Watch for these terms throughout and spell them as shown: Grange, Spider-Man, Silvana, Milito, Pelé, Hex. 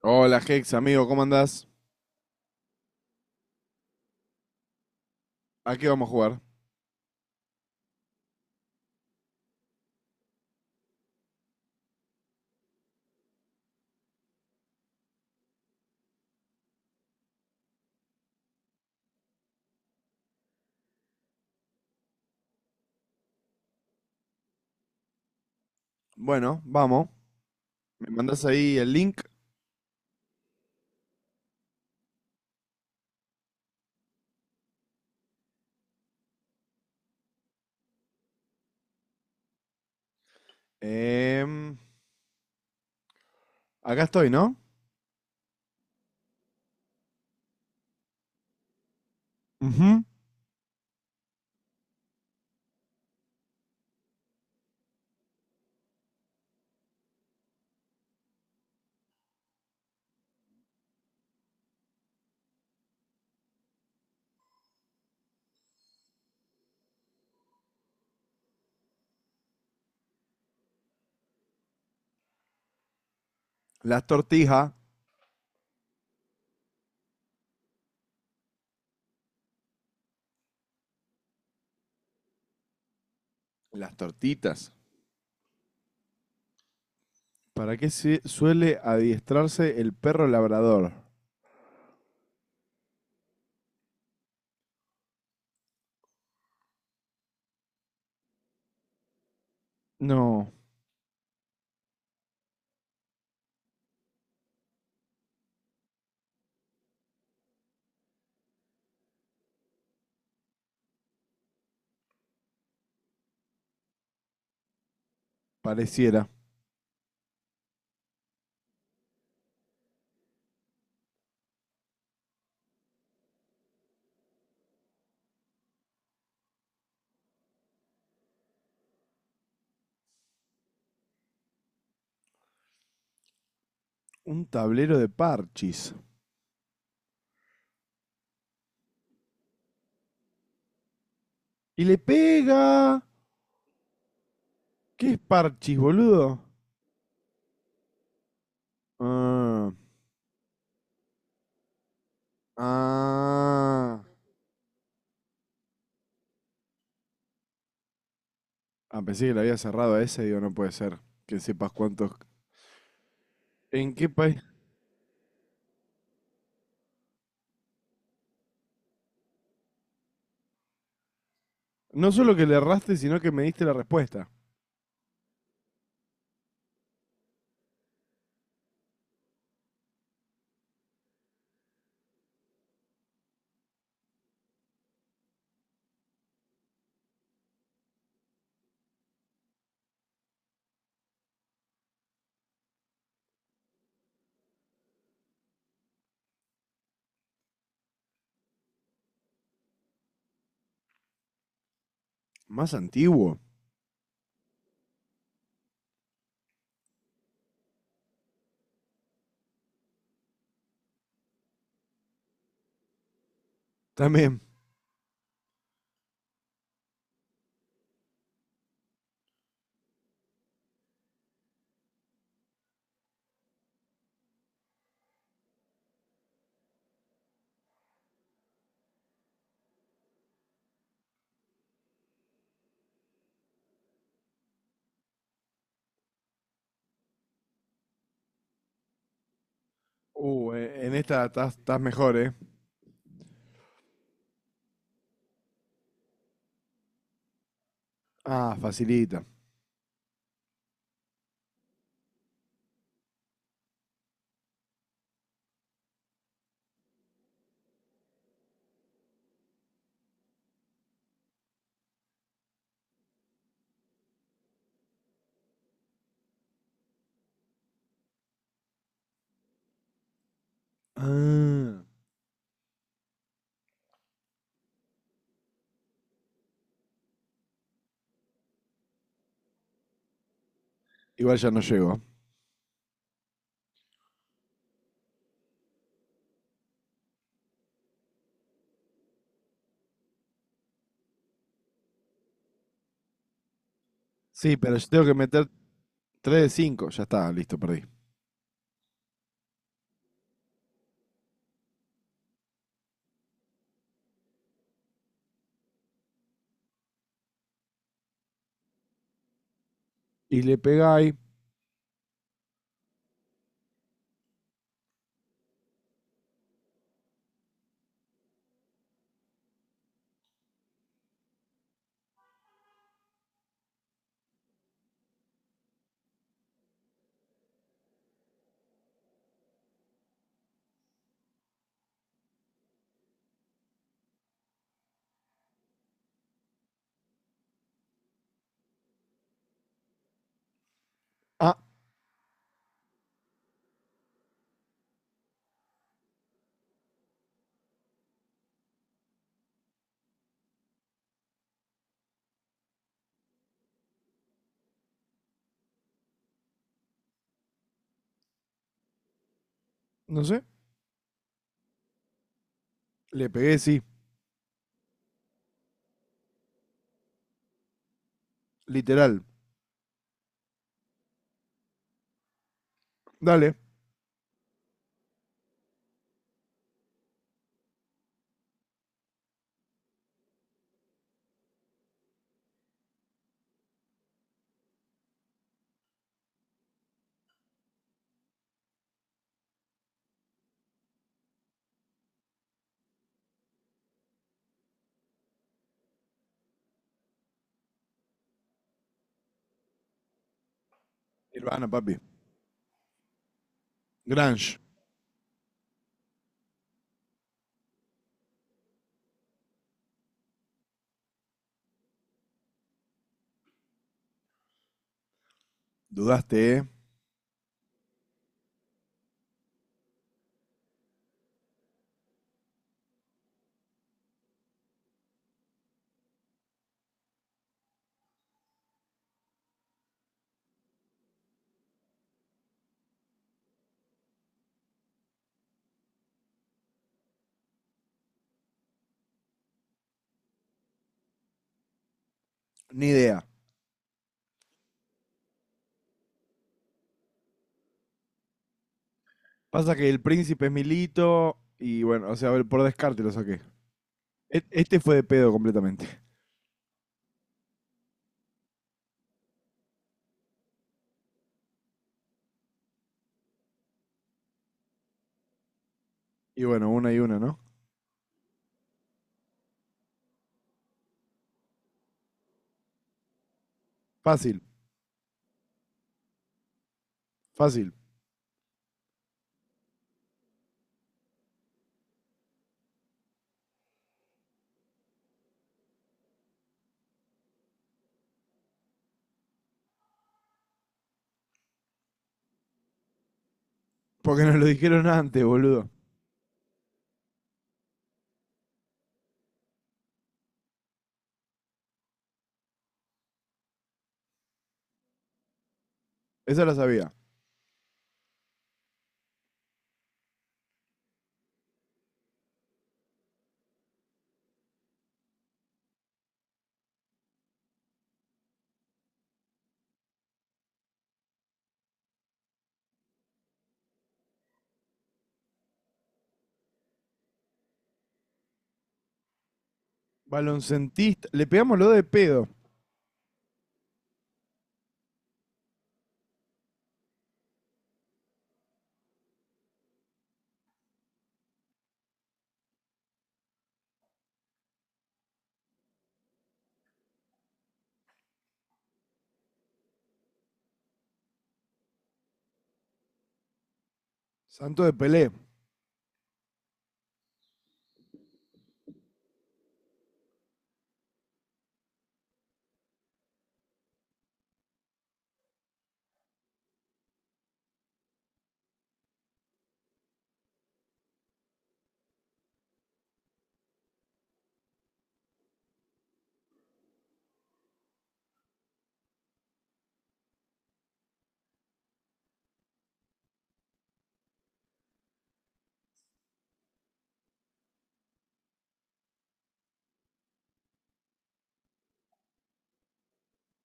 Hola Hex, amigo, ¿cómo andás? ¿A qué vamos a jugar? Bueno, vamos. Me mandás ahí el link. Em, Acá estoy, ¿no? Ujú. Las tortijas. Las tortitas. ¿Para qué se suele adiestrarse el perro labrador? No, pareciera. Un tablero de parchis. ¡Y le pega! ¿Qué es parchis, boludo? Ah, ah. Ah, pensé que lo había cerrado a ese, digo, no puede ser. Que sepas cuántos. ¿En qué país? No solo que le erraste, sino que me diste la respuesta. Más antiguo. También. En esta estás mejor, ¿eh? Ah, facilita. Ah. Igual ya no llego. Sí, pero yo tengo que meter 3 de 5. Ya está, listo, perdí. Y le pegáis. Ah, no sé. Le pegué, sí. Literal. Dale. Silvana, papi. Grange. Dudaste, ¿eh? Ni idea. Pasa que el príncipe es Milito. Y bueno, o sea, a ver, por descarte lo saqué. Este fue de pedo completamente. Y bueno, una y una, ¿no? Fácil, fácil. Porque nos lo dijeron antes, boludo. Esa la sabía. Baloncentista. Le pegamos lo de pedo. Santo de Pelé.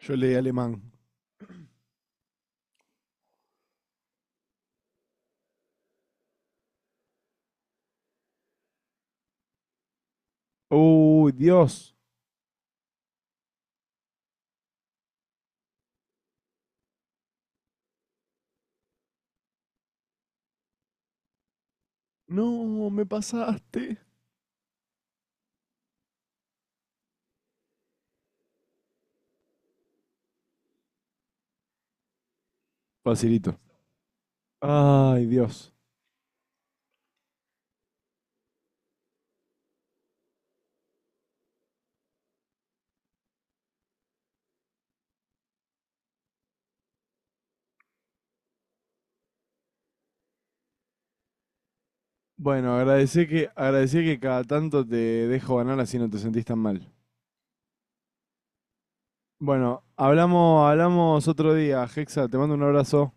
Yo leí alemán. Uy, Dios. No, me pasaste. Facilito. Ay, Dios. Bueno, agradecí que cada tanto te dejo ganar así no te sentís tan mal. Bueno, hablamos, hablamos otro día. Hexa, te mando un abrazo.